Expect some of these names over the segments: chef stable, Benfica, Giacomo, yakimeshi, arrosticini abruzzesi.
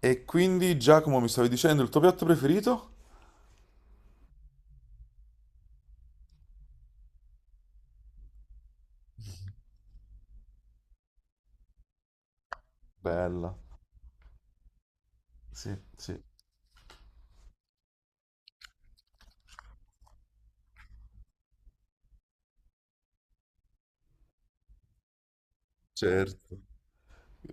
E quindi, Giacomo, mi stavi dicendo il tuo piatto preferito? Bella, sì, sì, certo.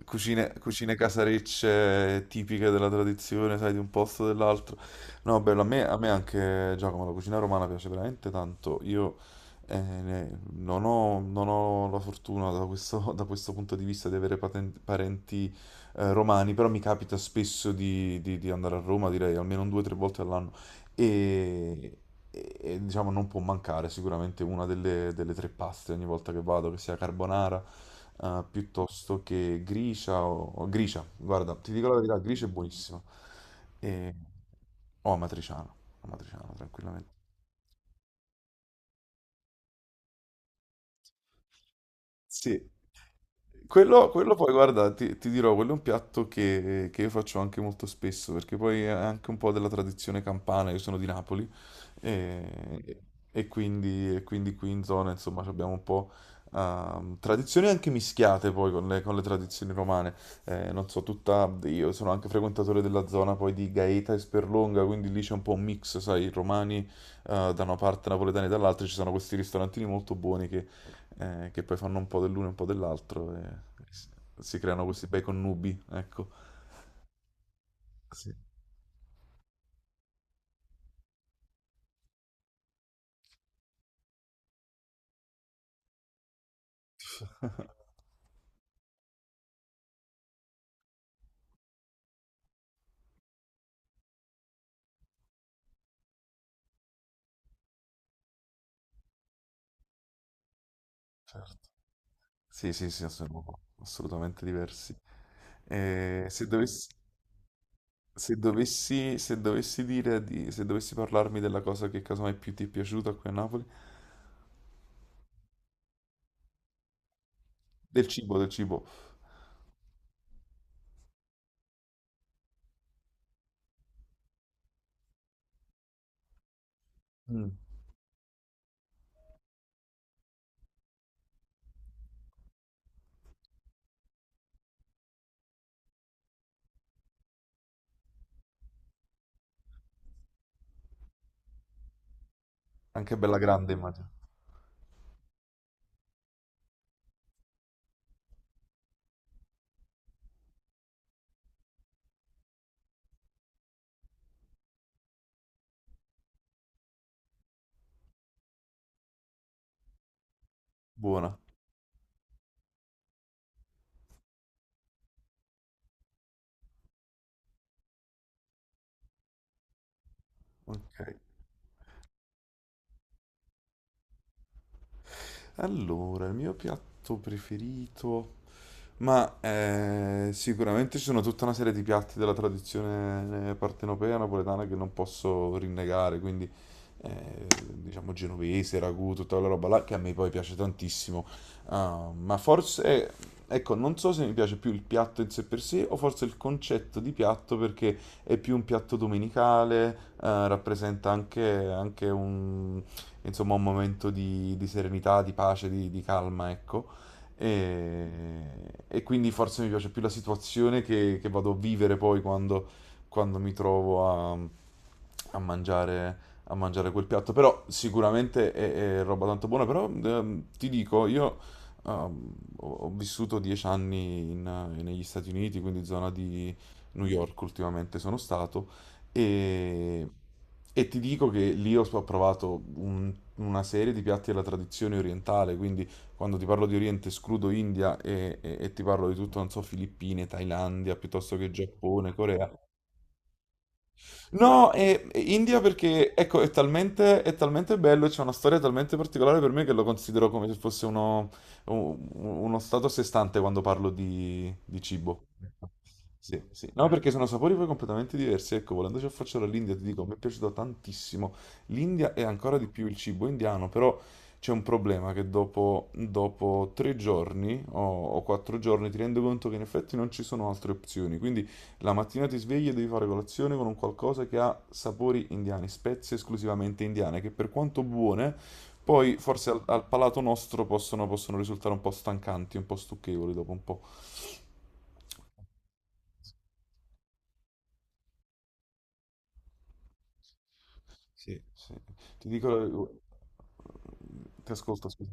Cucine casarecce tipiche della tradizione, sai, di un posto o dell'altro. No, bello, a me anche, Giacomo, la cucina romana piace veramente tanto. Io non ho, non ho la fortuna da questo, da questo punto di vista di avere parenti romani, però mi capita spesso di, di andare a Roma, direi almeno un due o tre volte all'anno. E, e, diciamo non può mancare sicuramente una delle tre paste ogni volta che vado, che sia carbonara piuttosto che gricia o gricia. Guarda, ti dico la verità, gricia è buonissima. E, o amatriciana, amatriciana tranquillamente. Sì, quello poi guarda, ti dirò, quello è un piatto che io faccio anche molto spesso, perché poi è anche un po' della tradizione campana, io sono di Napoli, e, e quindi qui in zona, insomma, abbiamo un po' tradizioni anche mischiate poi con con le tradizioni romane. Non so, tutta, io sono anche frequentatore della zona poi di Gaeta e Sperlonga, quindi lì c'è un po' un mix, sai, i romani da una parte, napoletani dall'altra, ci sono questi ristorantini molto buoni che poi fanno un po' dell'uno e un po' dell'altro e si si creano questi bei connubi, ecco. Sì, certo. Sì, sì, sì, sono assolutamente diversi. Eh, se dovessi, Se dovessi dire di, se dovessi parlarmi della cosa che casomai più ti è piaciuta qui a Napoli, del cibo, del cibo. Mm, anche bella grande, immagino. Buona. Ok. Allora, il mio piatto preferito. Ma sicuramente ci sono tutta una serie di piatti della tradizione partenopea napoletana che non posso rinnegare, quindi eh, diciamo genovese, ragù, tutta quella roba là che a me poi piace tantissimo. Ah, ma forse, ecco, non so se mi piace più il piatto in sé per sé o forse il concetto di piatto perché è più un piatto domenicale, rappresenta anche un, insomma, un momento di serenità, di pace, di calma, ecco. E, e quindi forse mi piace più la situazione che vado a vivere poi quando, quando mi trovo a mangiare, a mangiare quel piatto. Però sicuramente è roba tanto buona. Però ti dico, io ho, ho vissuto 10 anni negli Stati Uniti, quindi zona di New York ultimamente sono stato. E, e ti dico che lì ho, ho provato una serie di piatti della tradizione orientale, quindi quando ti parlo di Oriente escludo India e ti parlo di tutto, non so, Filippine, Thailandia, piuttosto che Giappone, Corea. No, e India perché, ecco, è talmente bello, e c'è una storia talmente particolare per me che lo considero come se fosse uno stato a sé stante quando parlo di cibo. Sì, sì. No, eh, perché sono sapori poi completamente diversi. Ecco, volendoci affacciare all'India, ti dico, mi è piaciuto tantissimo. L'India e ancora di più il cibo indiano, però c'è un problema che dopo, dopo 3 giorni o 4 giorni ti rendi conto che in effetti non ci sono altre opzioni. Quindi la mattina ti svegli e devi fare colazione con un qualcosa che ha sapori indiani, spezie esclusivamente indiane, che per quanto buone, poi forse al palato nostro possono, possono risultare un po' stancanti, un po' stucchevoli dopo un po'. Sì, sì. Ti dico, ti ascolto, scusa.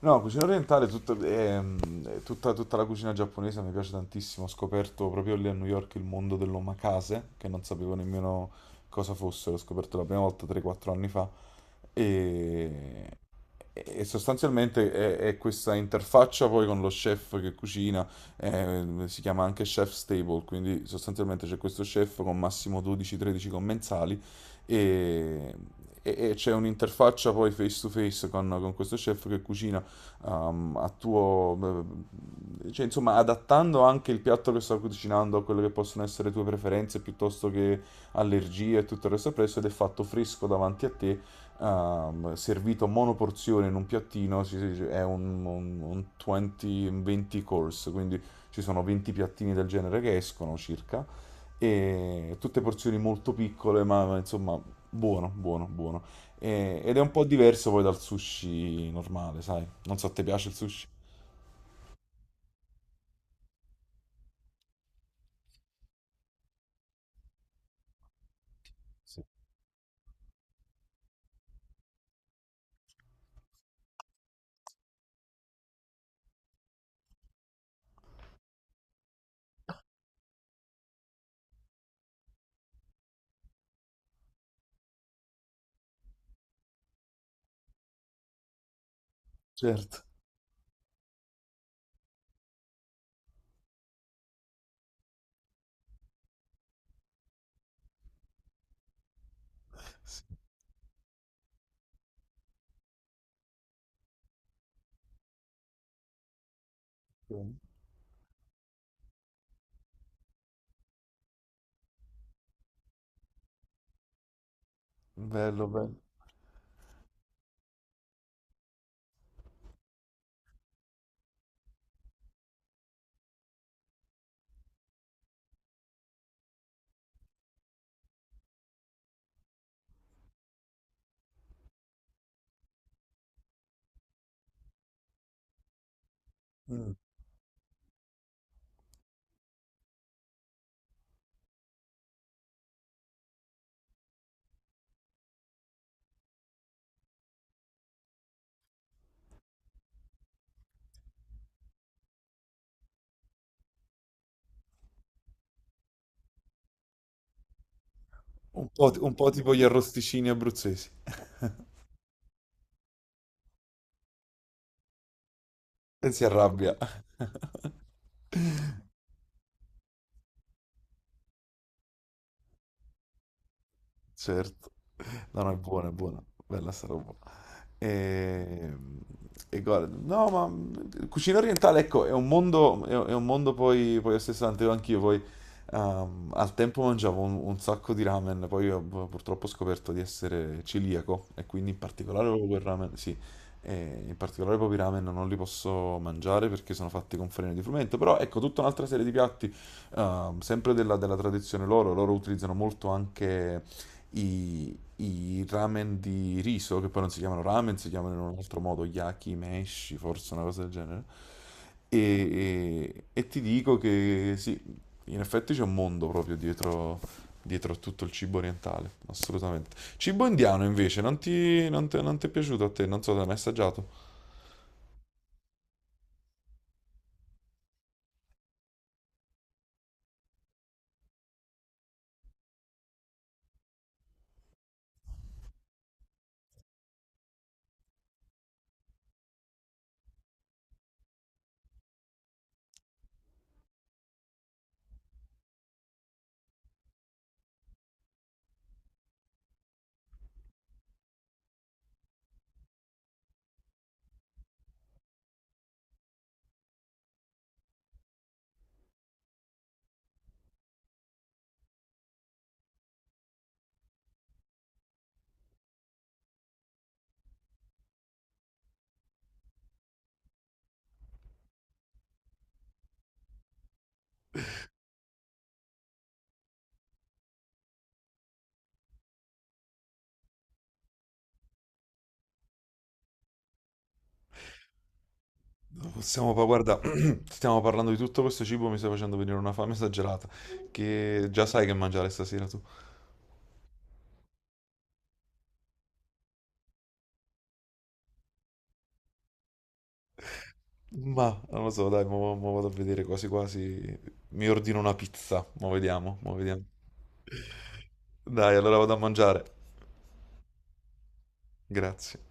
No, cucina orientale, tutta, tutta la cucina giapponese mi piace tantissimo. Ho scoperto proprio lì a New York il mondo dell'omakase, che non sapevo nemmeno cosa fosse, l'ho scoperto la prima volta 3-4 anni fa. E, e sostanzialmente è questa interfaccia poi con lo chef che cucina, si chiama anche chef stable, quindi sostanzialmente c'è questo chef con massimo 12-13 commensali e, e c'è un'interfaccia poi face to face con questo chef che cucina um, a tuo, cioè, insomma, adattando anche il piatto che sto cucinando a quelle che possono essere le tue preferenze piuttosto che allergie e tutto il resto presso ed è fatto fresco davanti a te, servito monoporzione in un piattino, è un 20, un 20 course, quindi ci sono 20 piattini del genere che escono circa e tutte porzioni molto piccole, ma insomma, buono, buono, buono. Ed è un po' diverso poi dal sushi normale, sai? Non so, ti piace il sushi? Sì. Certo, sì. Bello, bello. Mm. Un po', un po' tipo gli arrosticini abruzzesi. E si arrabbia. Certo. No, no, è buona, è buona. Bella sta roba. E, e guarda, no, ma cucina orientale, ecco, è un mondo, è un mondo poi, poi a sé stante, anch'io poi al tempo mangiavo un sacco di ramen, poi ho purtroppo ho scoperto di essere celiaco e quindi in particolare proprio quel ramen, sì, e in particolare proprio i ramen non li posso mangiare perché sono fatti con farina di frumento, però ecco, tutta un'altra serie di piatti, sempre della tradizione loro, loro utilizzano molto anche i ramen di riso, che poi non si chiamano ramen, si chiamano in un altro modo yakimeshi, forse una cosa del genere. E ti dico che sì, in effetti c'è un mondo proprio dietro, dietro a tutto il cibo orientale, assolutamente. Cibo indiano invece, non ti, non ti è piaciuto a te? Non so, te l'hai mai assaggiato? Possiamo, guarda, stiamo parlando di tutto questo cibo, mi stai facendo venire una fame esagerata, che già sai che mangiare stasera tu. Ma non lo so, dai, mo vado a vedere quasi quasi. Mi ordino una pizza, mo vediamo, mo vediamo. Dai, allora vado a mangiare. Grazie.